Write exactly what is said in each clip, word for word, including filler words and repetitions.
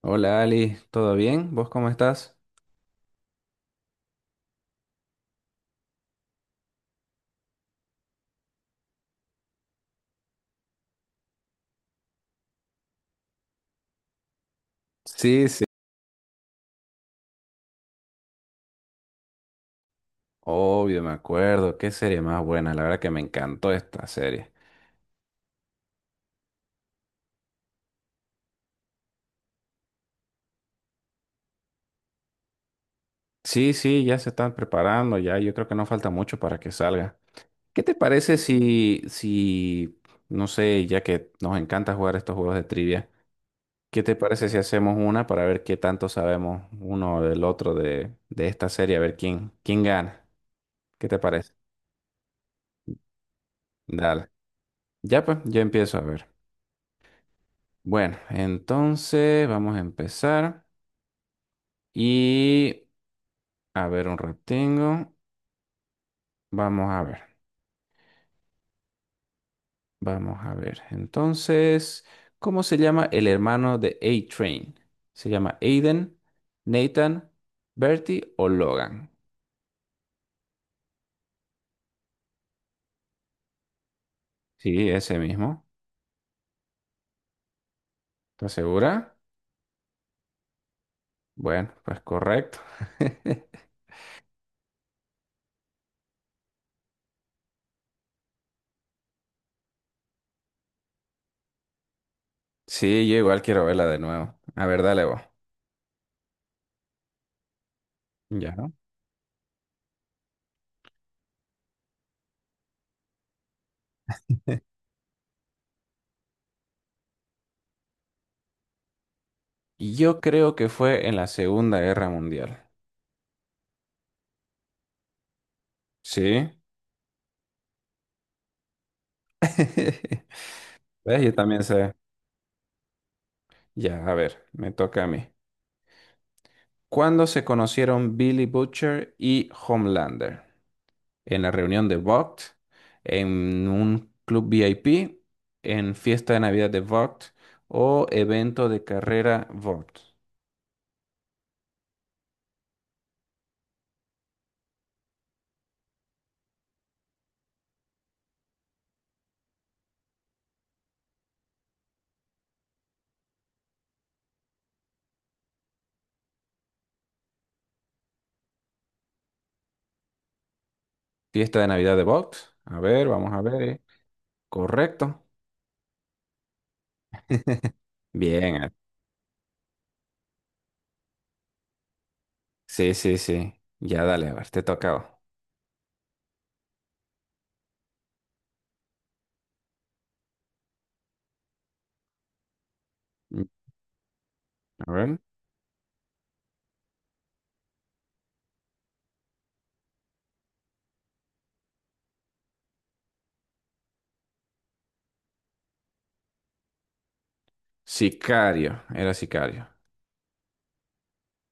Hola Ali, ¿todo bien? ¿Vos cómo estás? Sí, sí, obvio, me acuerdo. Qué serie más buena. La verdad que me encantó esta serie. Sí, sí, ya se están preparando, ya yo creo que no falta mucho para que salga. ¿Qué te parece si, si, no sé, ya que nos encanta jugar estos juegos de trivia, ¿qué te parece si hacemos una para ver qué tanto sabemos uno del otro de, de esta serie, a ver quién, quién gana? ¿Qué te parece? Dale. Ya pues, ya empiezo a ver. Bueno, entonces vamos a empezar. Y a ver, un retengo. Vamos a ver. Vamos a ver. Entonces, ¿cómo se llama el hermano de A-Train? ¿Se llama Aiden, Nathan, Bertie o Logan? Sí, ese mismo. ¿Estás segura? Bueno, pues correcto. Sí, yo igual quiero verla de nuevo. A ver, dale vos. Ya. Yo creo que fue en la Segunda Guerra Mundial. Sí. ¿Ves? Yo también sé. Ya, a ver, me toca a mí. ¿Cuándo se conocieron Billy Butcher y Homelander? ¿En la reunión de VOGT? ¿En un club VIP? ¿En fiesta de Navidad de VOGT? ¿O evento de carrera VOGT? ¿Fiesta de Navidad de VOGT? A ver, vamos a ver. eh. Correcto. Bien. Eh. Sí, sí, sí. Ya dale, a ver, te tocaba. Mm, A ver. Sicario. Era sicario.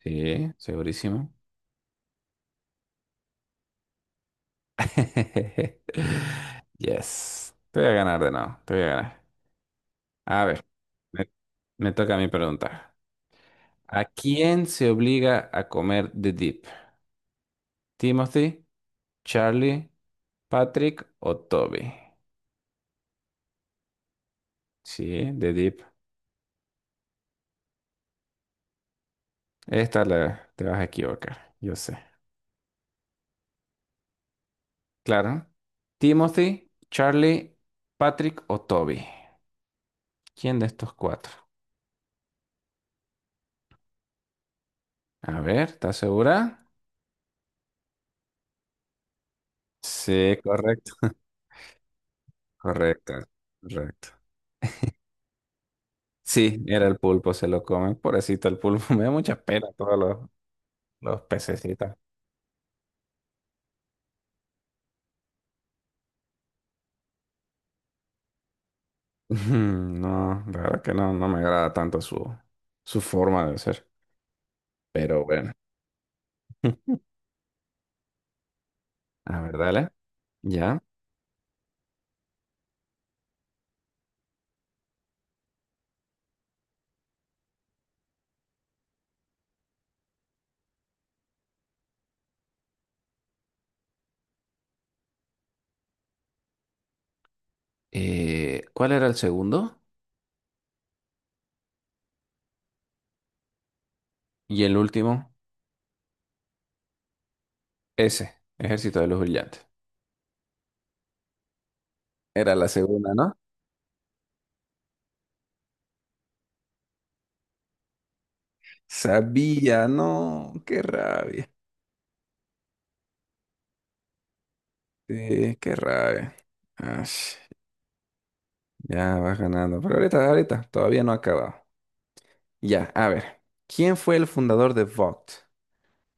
Sí, segurísimo. Yes. Te voy a ganar de nuevo. Te voy a ganar. A ver, me, me toca a mí preguntar. ¿A quién se obliga a comer The Deep? ¿Timothy, Charlie, Patrick o Toby? Sí, The Deep. Esta la, te vas a equivocar, yo sé. Claro. Timothy, Charlie, Patrick o Toby. ¿Quién de estos cuatro? A ver, ¿estás segura? Sí, correcto. Correcto, correcto. Sí, era el pulpo, se lo comen. Pobrecito el pulpo, me da mucha pena todos los, los pececitos. Ujú. No, la verdad que no, no me agrada tanto su, su forma de ser. Pero bueno. A ver, dale. Ya. Eh, ¿cuál era el segundo? Y el último, ese, Ejército de los Brillantes. Era la segunda, ¿no? Sabía, no, qué rabia. Sí, qué rabia. Ash, ya vas ganando. Pero ahorita, ahorita todavía no ha acabado. Ya, a ver. ¿Quién fue el fundador de Vogt?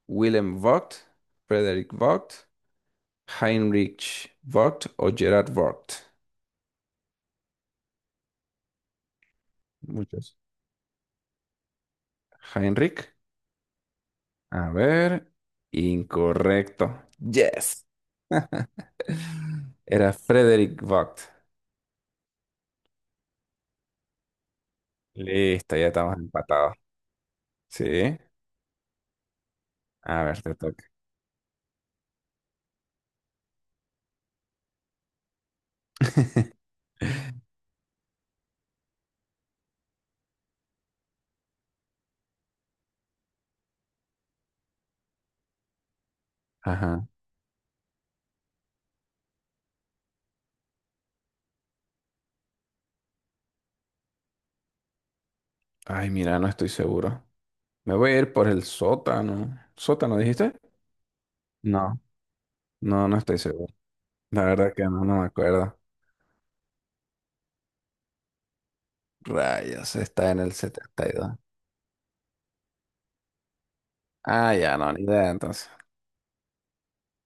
Willem Vogt, Frederick Vogt, Heinrich Vogt o Gerard Vogt. Muchos. Heinrich. A ver. Incorrecto. Yes. Era Frederick Vogt. Listo, ya estamos empatados. Sí. A ver, te toca. Ajá. Ay, mira, no estoy seguro. Me voy a ir por el sótano. ¿Sótano dijiste? No. No, no estoy seguro. La verdad que no, no me acuerdo. Rayos, está en el setenta y dos. Ah, ya no, ni idea entonces.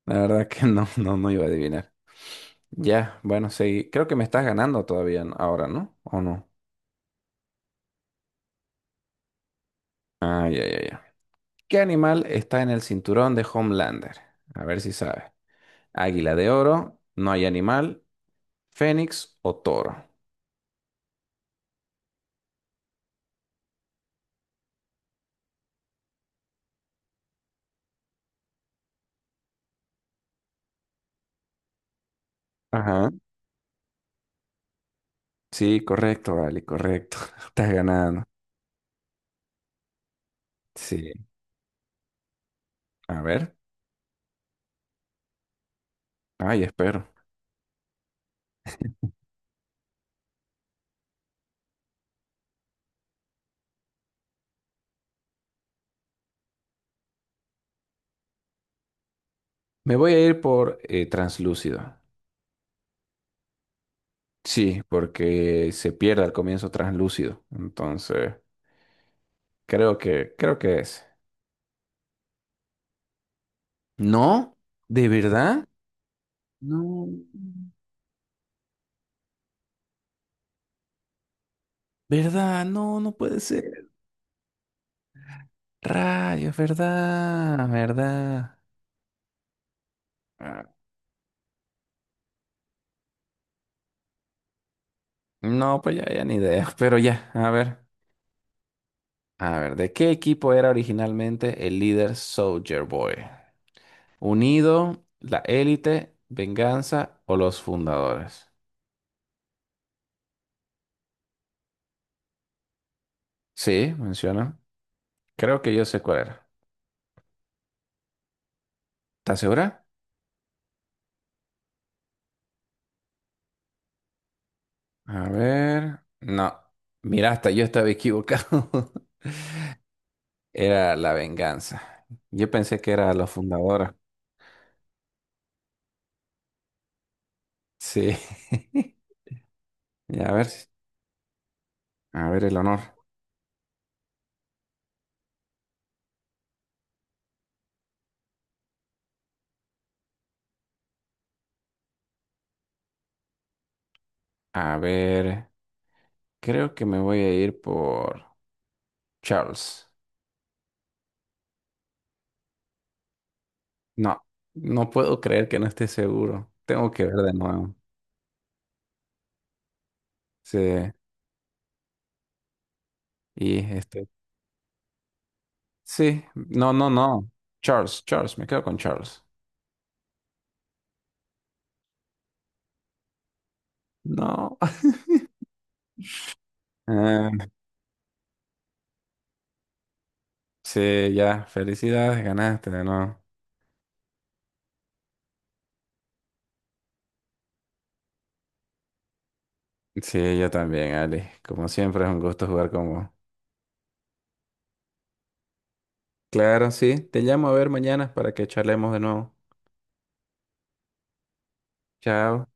La verdad que no, no, no iba a adivinar. Ya, bueno, sí. Creo que me estás ganando todavía, ¿no? Ahora, ¿no? ¿O no? Ah, ya, ya, ya. ¿Qué animal está en el cinturón de Homelander? A ver si sabes. Águila de oro, no hay animal, fénix o toro. Ajá. Sí, correcto, vale, correcto. Estás ganando. Sí. A ver. Ay, espero. Me voy a ir por eh, translúcido. Sí, porque se pierde al comienzo translúcido. Entonces, creo que, creo que es. ¿No? ¿De verdad? No. ¿Verdad? No, no puede ser. Rayos, ¿verdad? ¿Verdad? Ah, no, pues ya, ya ni idea. Pero ya, a ver. A ver, ¿de qué equipo era originalmente el líder Soldier Boy? ¿Unido, la élite, venganza o los fundadores? Sí, menciona. Creo que yo sé cuál era. ¿Estás segura? A ver. No. Mira, hasta yo estaba equivocado. Era la venganza. Yo pensé que era la fundadora. Sí. Y a ver, a ver el honor. A ver, creo que me voy a ir por Charles. No, no puedo creer que no esté seguro. Tengo que ver de nuevo. Sí. Y este. Sí, no, no, no. Charles, Charles, me quedo con Charles. No. Eh, sí, ya, felicidades, ganaste de nuevo. Sí, yo también, Ali. Como siempre, es un gusto jugar con vos. Claro, sí. Te llamo a ver mañana para que charlemos de nuevo. Chao.